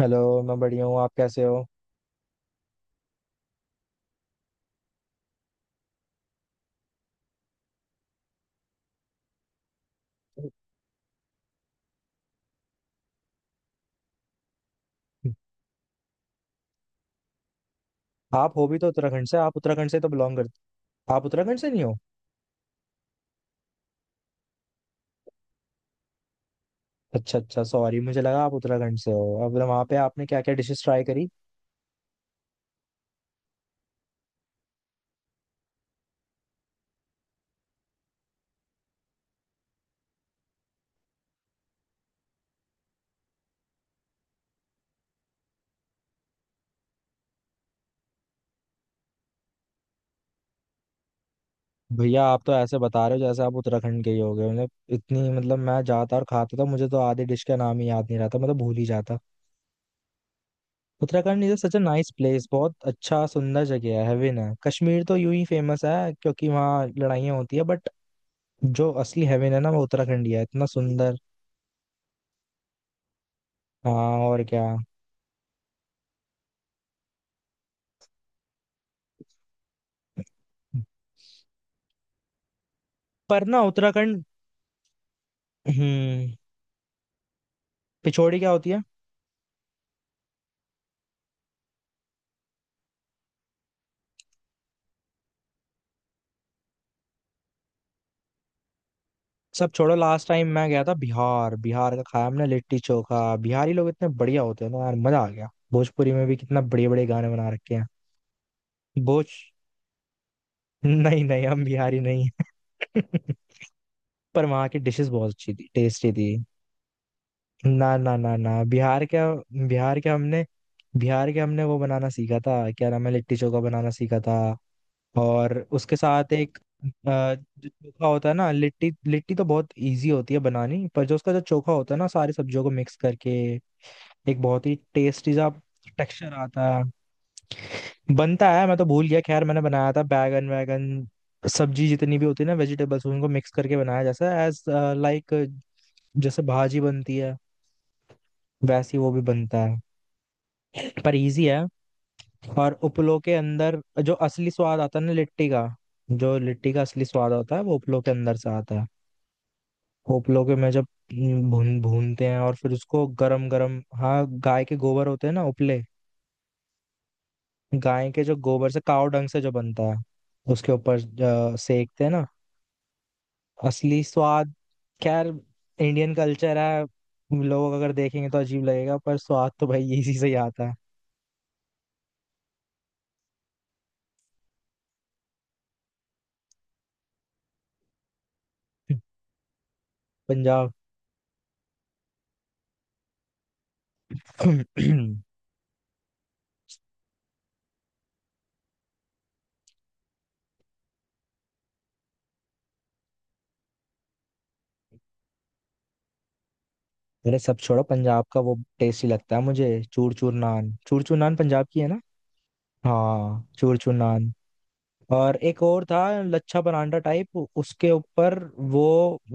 Hello. मैं बढ़िया हूँ। आप कैसे हो? आप हो भी तो उत्तराखंड से। आप उत्तराखंड से तो बिलोंग करते। आप उत्तराखंड से नहीं हो? अच्छा अच्छा, सॉरी, मुझे लगा आप उत्तराखंड से हो। अब तो वहाँ पे आपने क्या क्या डिशेस ट्राई करी? भैया, आप तो ऐसे बता रहे हो जैसे आप उत्तराखंड के ही हो गए। मतलब इतनी मतलब मैं जाता और खाता था, मुझे तो आधे डिश का नाम ही याद नहीं रहता, मैं तो भूल ही जाता। Uttarakhand is such a nice place. बहुत अच्छा सुंदर जगह है, हेवन है। कश्मीर तो यूं ही फेमस है क्योंकि वहाँ लड़ाइयाँ होती है, बट जो असली हेवन है ना वो उत्तराखंड ही है, इतना सुंदर। हाँ। और क्या। पर ना उत्तराखंड। हम्म। पिछोड़ी क्या होती है? सब छोड़ो, लास्ट टाइम मैं गया था बिहार। बिहार का खाया हमने लिट्टी चोखा। बिहारी लोग इतने बढ़िया होते हैं ना यार, मजा आ गया। भोजपुरी में भी कितना बड़े बड़े गाने बना रखे हैं। भोज नहीं नहीं, हम बिहारी नहीं हैं। पर वहाँ की डिशेस बहुत अच्छी थी, टेस्टी थी। ना ना ना ना, बिहार क्या। बिहार के हमने बिहार के हमने वो बनाना सीखा था, क्या नाम है, लिट्टी चोखा बनाना सीखा था। और उसके साथ एक अ, जो चोखा होता है ना, लिट्टी लिट्टी तो बहुत इजी होती है बनानी, पर जो उसका जो चोखा होता है ना, सारी सब्जियों को मिक्स करके एक बहुत ही टेस्टी सा टेक्सचर आता है। बनता है, मैं तो भूल गया। खैर, मैंने बनाया था बैगन वैगन, सब्जी जितनी भी होती है ना वेजिटेबल्स, उनको मिक्स करके बनाया। जैसा एज लाइक, जैसे भाजी बनती है वैसी वो भी बनता है, पर इजी है। और उपलों के अंदर जो असली स्वाद आता है ना लिट्टी का, जो लिट्टी का असली स्वाद होता है वो उपलों के अंदर से आता है। उपलों के में जब भूनते हैं और फिर उसको गरम गरम, हाँ गाय के गोबर होते हैं ना उपले, गाय के जो गोबर से काव डंग से जो बनता है उसके ऊपर सेकते हैं ना, असली स्वाद। खैर, इंडियन कल्चर है, लोग अगर देखेंगे तो अजीब लगेगा, पर स्वाद तो भाई इसी से ही आता है। पंजाब। अरे सब छोड़ो, पंजाब का वो टेस्टी लगता है मुझे, चूर चूर नान, पंजाब की है ना? हाँ, चूर चूर नान। और एक और था, लच्छा परांठा टाइप, उसके ऊपर वो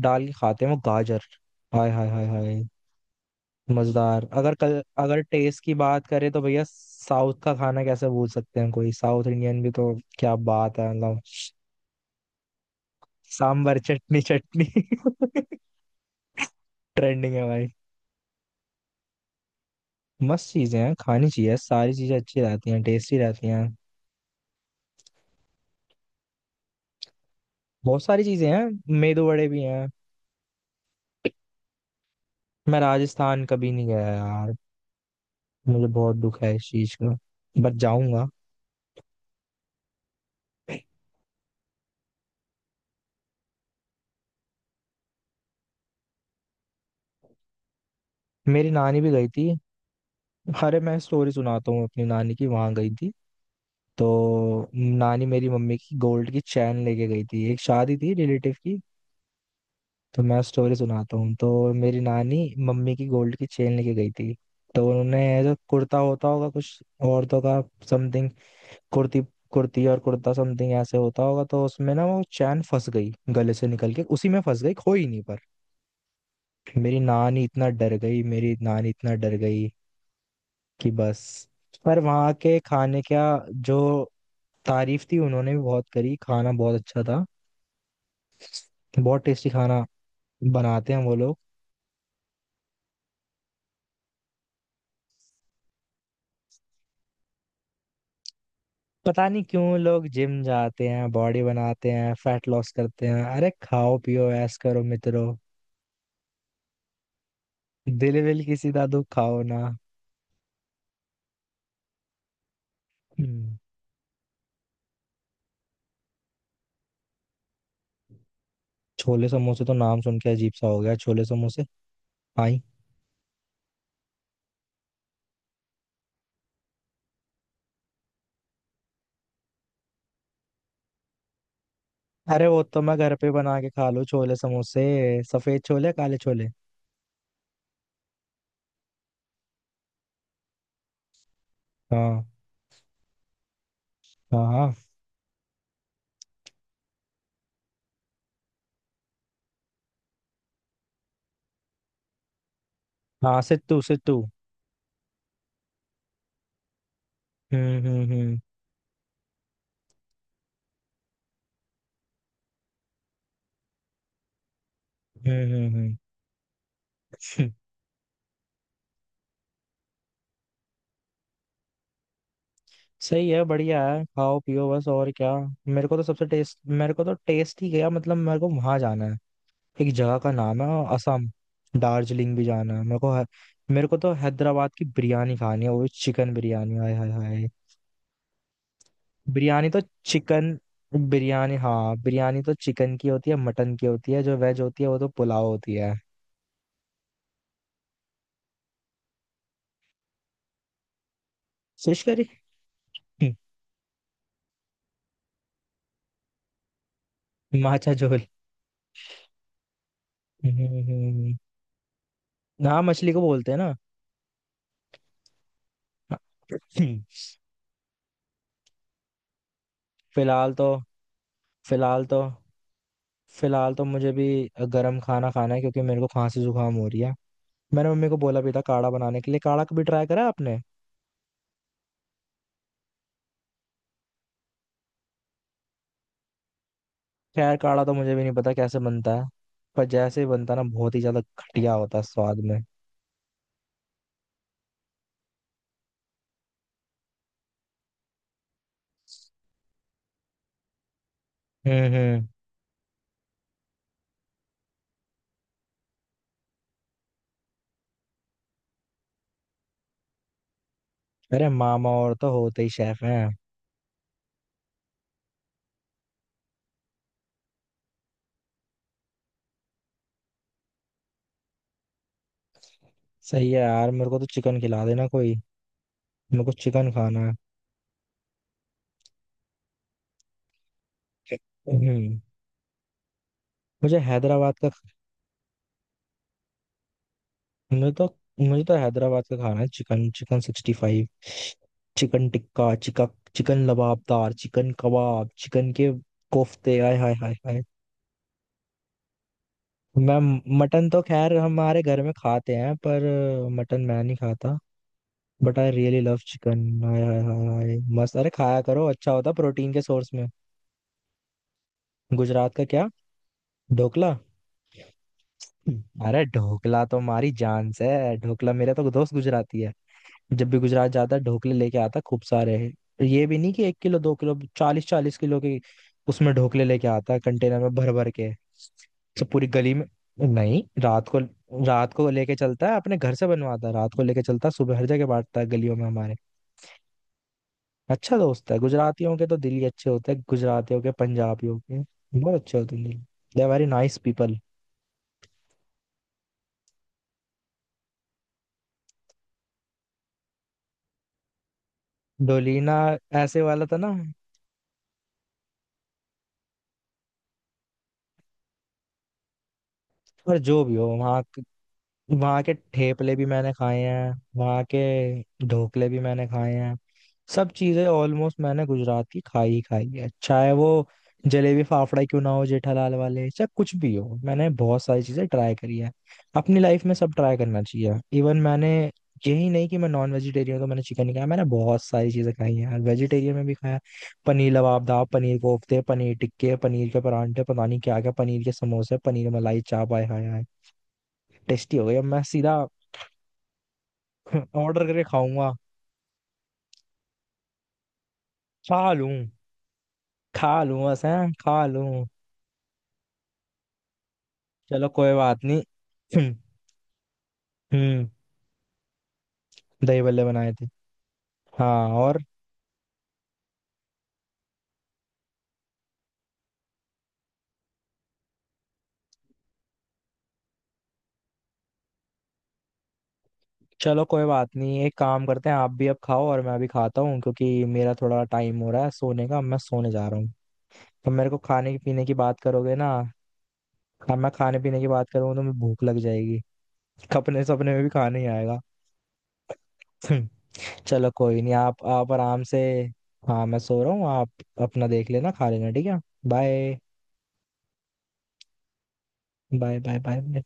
डाल के खाते हैं वो गाजर, हाय हाय हाय हाय, मजेदार। अगर कल अगर टेस्ट की बात करें तो भैया साउथ का खाना कैसे भूल सकते हैं, कोई साउथ इंडियन भी तो। क्या बात है, मतलब सांभर चटनी चटनी ट्रेंडिंग है भाई। मस्त चीजें हैं, खानी चाहिए सारी चीजें, अच्छी रहती हैं, टेस्टी रहती हैं। बहुत सारी चीजें हैं, मेदू बड़े भी हैं। मैं राजस्थान कभी नहीं गया यार, मुझे बहुत दुख है इस चीज का, बट जाऊंगा। मेरी नानी भी गई थी। अरे मैं स्टोरी सुनाता हूँ, अपनी नानी की, वहां गई थी तो नानी मेरी मम्मी की गोल्ड की चैन लेके गई थी, एक शादी थी रिलेटिव की। तो मैं स्टोरी सुनाता हूँ, तो मेरी नानी मम्मी की गोल्ड की चेन लेके गई थी, तो उन्होंने जो कुर्ता होता होगा कुछ औरतों का, समथिंग, कुर्ती कुर्ती और कुर्ता, समथिंग ऐसे होता होगा, तो उसमें ना वो चैन फंस गई, गले से निकल के उसी में फंस गई, खोई नहीं पर। मेरी नानी इतना डर गई, मेरी नानी इतना डर गई कि बस। पर वहाँ के खाने का जो तारीफ थी, उन्होंने भी बहुत करी, खाना बहुत अच्छा था, बहुत टेस्टी खाना बनाते हैं वो लोग। पता नहीं क्यों लोग जिम जाते हैं, बॉडी बनाते हैं, फैट लॉस करते हैं, अरे खाओ पियो ऐश करो मित्रों, दिल विल किसी का दुख खाओ ना। हम्म। छोले समोसे तो नाम सुन के अजीब सा हो गया, छोले समोसे। आई। अरे वो तो मैं घर पे बना के खा लूँ, छोले समोसे, सफेद छोले काले छोले। हाँ हाँ हाँ हाँ। Situ situ. हम्म। हम्म हम्म हम्म। सही है, बढ़िया है, खाओ पियो बस, और क्या। मेरे को तो सबसे टेस्ट, मेरे को तो टेस्ट ही गया, मतलब मेरे को वहां जाना है, एक जगह का नाम है असम, दार्जिलिंग भी जाना है मेरे को तो हैदराबाद की बिरयानी खानी है, वो चिकन बिरयानी, हाय हाय हाय। बिरयानी तो चिकन बिरयानी, हाँ, बिरयानी तो चिकन की होती है, मटन की होती है, जो वेज होती है वो तो पुलाव होती है। Fish curry. माछा झोल। हम्म, हम्म। हाँ, मछली को बोलते हैं ना। हम्म, फिलहाल तो फिलहाल तो फिलहाल तो मुझे भी गरम खाना खाना है क्योंकि मेरे को खांसी जुकाम हो रही है। मैंने मम्मी को बोला भी था काढ़ा बनाने के लिए, काढ़ा कभी ट्राई करा आपने? खैर, काढ़ा तो मुझे भी नहीं पता कैसे बनता है, पर जैसे ही बनता ना बहुत ही ज्यादा घटिया होता है स्वाद में। हम्म। अरे मामा और तो होते ही शेफ हैं। सही है यार, मेरे को तो चिकन खिला देना कोई, मेरे को चिकन खाना है। हम्म। मुझे हैदराबाद का मुझे तो मुझे तो हैदराबाद का खाना है, चिकन चिकन 65, चिकन टिक्का चिका chicken lababdar, chicken kebab, chicken के कोफ्ते, आय हाय हाय हाय। मैं मटन तो खैर हमारे घर में खाते हैं पर मटन मैं नहीं खाता, but I really love chicken, हाय हाय हाय हाय, मस्त, अरे खाया करो, अच्छा होता प्रोटीन के सोर्स में। गुजरात का क्या? ढोकला। हम्म। अरे ढोकला तो हमारी जान से है, ढोकला मेरा तो दोस्त गुजराती है, जब भी गुजरात जाता है ढोकले लेके आता है, खूब सारे, ये भी नहीं कि एक किलो दो किलो, चालीस चालीस किलो के उसमें ढोकले लेके आता है कंटेनर में भर भर के, तो पूरी गली में, नहीं रात को, रात को लेके चलता है, अपने घर से बनवाता है रात को लेके चलता है, सुबह हर जगह बांटता है गलियों में हमारे, अच्छा दोस्त है। गुजरातियों के तो दिल ही अच्छे होते हैं, गुजरातियों के, पंजाबियों के बहुत अच्छे होते हैं दिल, they are very nice people. डोलीना ऐसे वाला था ना? पर जो भी हो, वहाँ के ठेपले भी मैंने खाए हैं, वहाँ के ढोकले भी मैंने खाए हैं, सब चीजें ऑलमोस्ट मैंने गुजरात की खाई ही खाई है, चाहे वो जलेबी फाफड़ा क्यों ना हो जेठालाल वाले, चाहे कुछ भी हो, मैंने बहुत सारी चीजें ट्राई करी है अपनी लाइफ में। सब ट्राई करना चाहिए, इवन मैंने, यही नहीं कि मैं नॉन वेजिटेरियन हूँ तो मैंने चिकन ही खाया, मैंने बहुत सारी चीजें खाई हैं, वेजिटेरियन में भी खाया, पनीर लबाबदाब, पनीर कोफ्ते, पनीर टिक्के, पनीर के परांठे, पता नहीं क्या क्या, पनीर के समोसे, पनीर मलाई चाप, आए हाय हाय, टेस्टी हो गई। अब मैं सीधा ऑर्डर करके खाऊंगा। खा लूं, खा लूं, बस हैं खा लूं, चलो कोई बात नहीं। हम्म। दही बल्ले बनाए थे, हाँ और, चलो कोई बात नहीं, एक काम करते हैं, आप भी अब खाओ और मैं भी खाता हूँ क्योंकि मेरा थोड़ा टाइम हो रहा है सोने का, मैं सोने जा रहा हूँ, तो मेरे को खाने पीने की बात करोगे ना, अब मैं खाने पीने की बात करूंगा तो मैं भूख लग जाएगी। अपने सपने में भी खाना ही आएगा। चलो कोई नहीं, आप आप आराम से, हाँ मैं सो रहा हूँ, आप अपना देख लेना, खा लेना ठीक है। Bye bye bye bye.